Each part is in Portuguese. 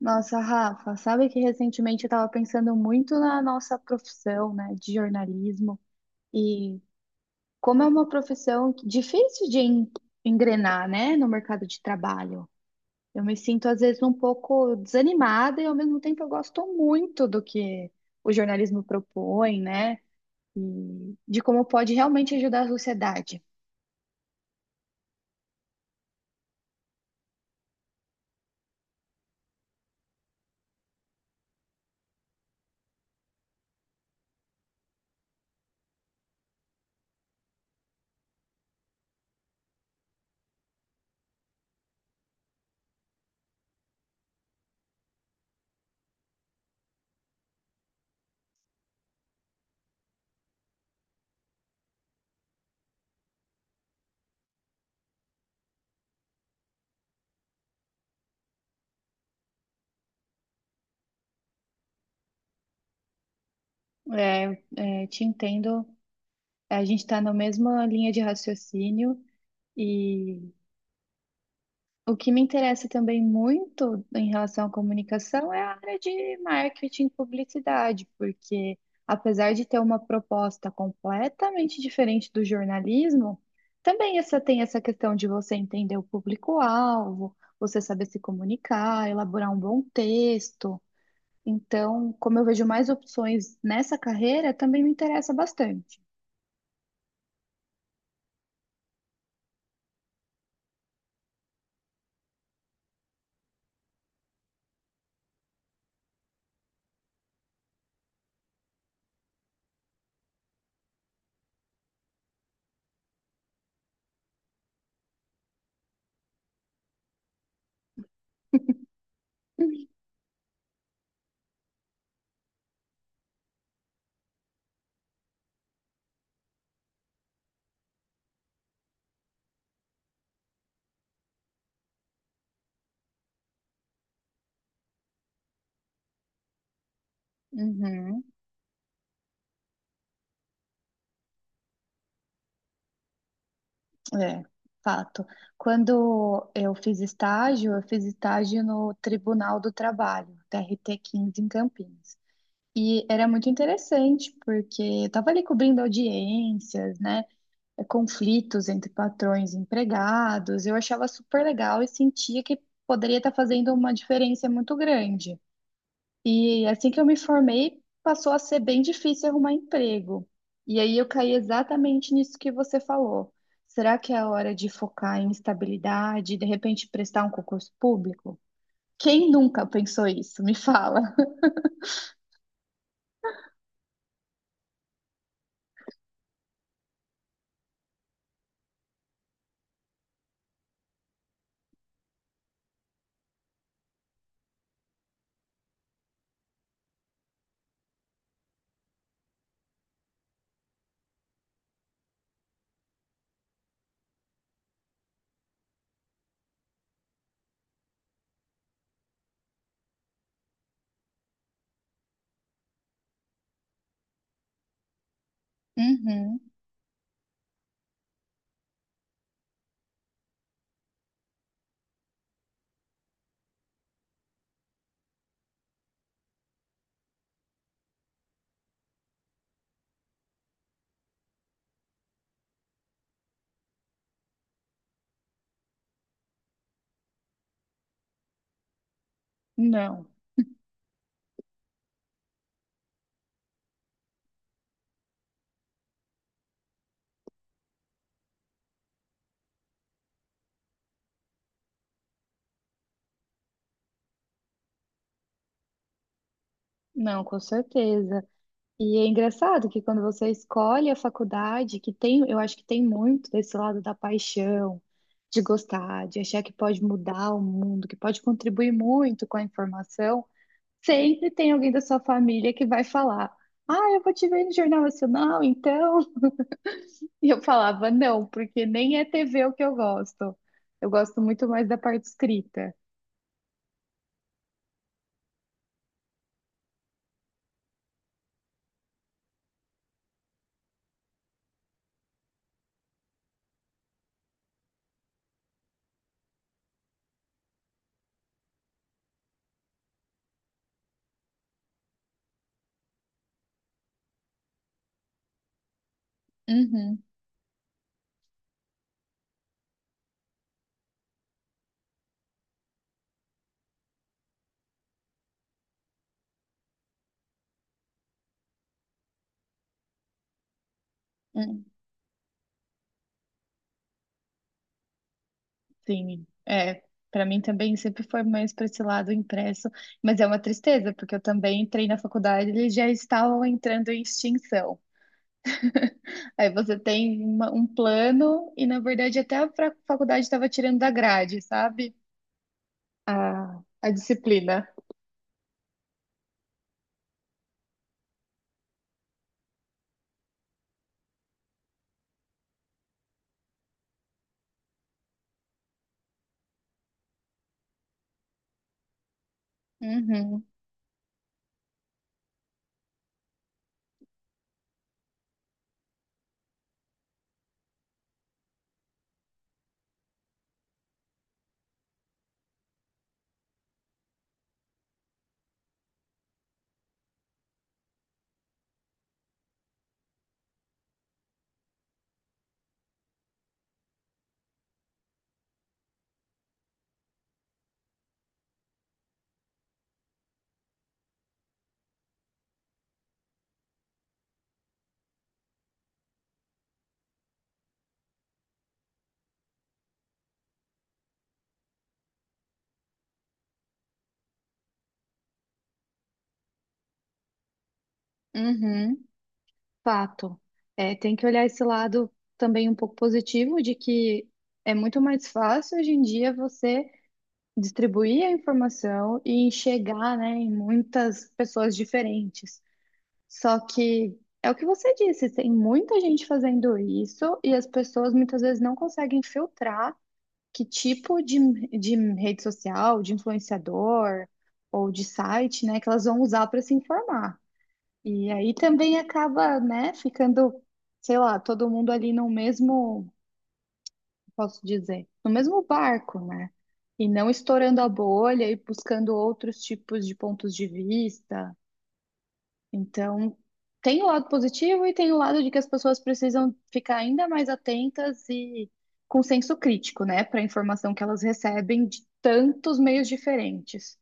Nossa, Rafa, sabe que recentemente eu estava pensando muito na nossa profissão, né, de jornalismo e como é uma profissão difícil de engrenar, né, no mercado de trabalho. Eu me sinto às vezes um pouco desanimada e ao mesmo tempo eu gosto muito do que o jornalismo propõe, né, e de como pode realmente ajudar a sociedade. É, é, te entendo, a gente está na mesma linha de raciocínio. E o que me interessa também muito em relação à comunicação é a área de marketing e publicidade, porque apesar de ter uma proposta completamente diferente do jornalismo, também essa tem essa questão de você entender o público-alvo, você saber se comunicar, elaborar um bom texto. Então, como eu vejo mais opções nessa carreira, também me interessa bastante. Uhum. É, fato. Quando eu fiz estágio no Tribunal do Trabalho, TRT 15 em Campinas. E era muito interessante, porque eu estava ali cobrindo audiências, né? Conflitos entre patrões e empregados. Eu achava super legal e sentia que poderia estar fazendo uma diferença muito grande. E assim que eu me formei, passou a ser bem difícil arrumar emprego. E aí eu caí exatamente nisso que você falou. Será que é a hora de focar em estabilidade e de repente prestar um concurso público? Quem nunca pensou isso? Me fala. Uhum. Não, não, com certeza. E é engraçado que quando você escolhe a faculdade, que tem, eu acho que tem muito desse lado da paixão, de gostar, de achar que pode mudar o mundo, que pode contribuir muito com a informação. Sempre tem alguém da sua família que vai falar: Ah, eu vou te ver no Jornal Nacional, então. E eu falava: Não, porque nem é TV o que eu gosto. Eu gosto muito mais da parte escrita. Uhum, uhum. Sim, é. Para mim também sempre foi mais para esse lado impresso, mas é uma tristeza, porque eu também entrei na faculdade e eles já estavam entrando em extinção. Aí você tem um plano e, na verdade, até a faculdade estava tirando da grade, sabe? A disciplina. Uhum, uhum, fato. É, tem que olhar esse lado também um pouco positivo de que é muito mais fácil hoje em dia você distribuir a informação e enxergar, né, em muitas pessoas diferentes. Só que é o que você disse, tem muita gente fazendo isso e as pessoas muitas vezes não conseguem filtrar que tipo de rede social, de influenciador ou de site, né, que elas vão usar para se informar. E aí também acaba, né, ficando, sei lá, todo mundo ali no mesmo, posso dizer, no mesmo barco, né? E não estourando a bolha e buscando outros tipos de pontos de vista. Então, tem o lado positivo e tem o lado de que as pessoas precisam ficar ainda mais atentas e com senso crítico, né, para a informação que elas recebem de tantos meios diferentes.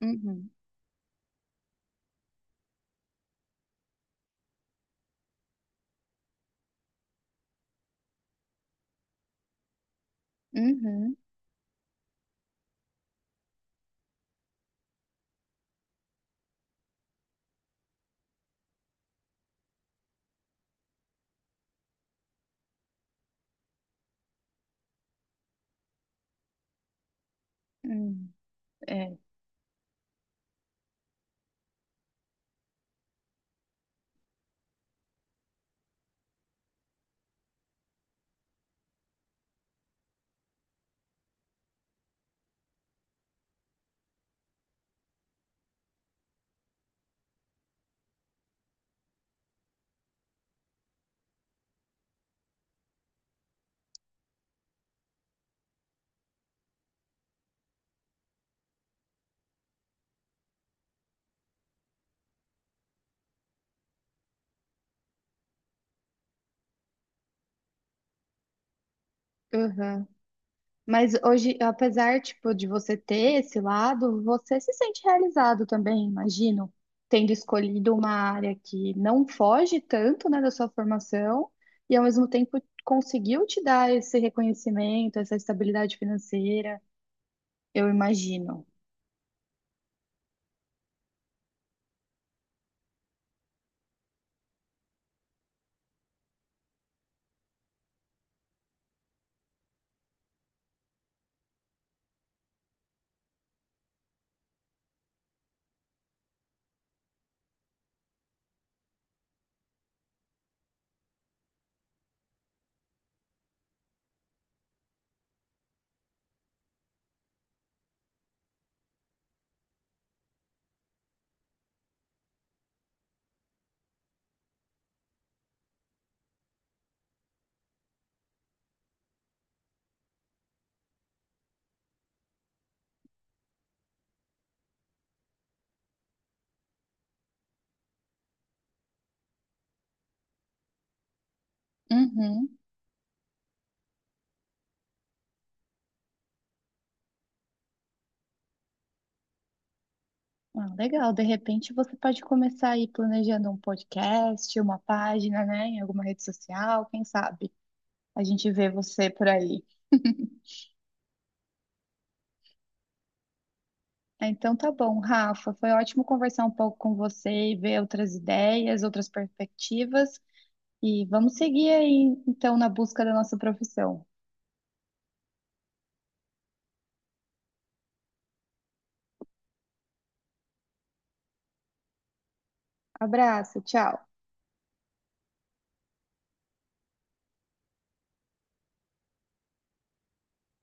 Uhum, uhum, uhum, é, uhum. Mas hoje, apesar, tipo, de você ter esse lado, você se sente realizado também, imagino, tendo escolhido uma área que não foge tanto, né, da sua formação e ao mesmo tempo conseguiu te dar esse reconhecimento, essa estabilidade financeira, eu imagino. Uhum. Ah, legal, de repente você pode começar aí planejando um podcast, uma página, né, em alguma rede social, quem sabe? A gente vê você por aí. Ah, então tá bom, Rafa. Foi ótimo conversar um pouco com você e ver outras ideias, outras perspectivas. E vamos seguir aí, então, na busca da nossa profissão. Abraço, tchau.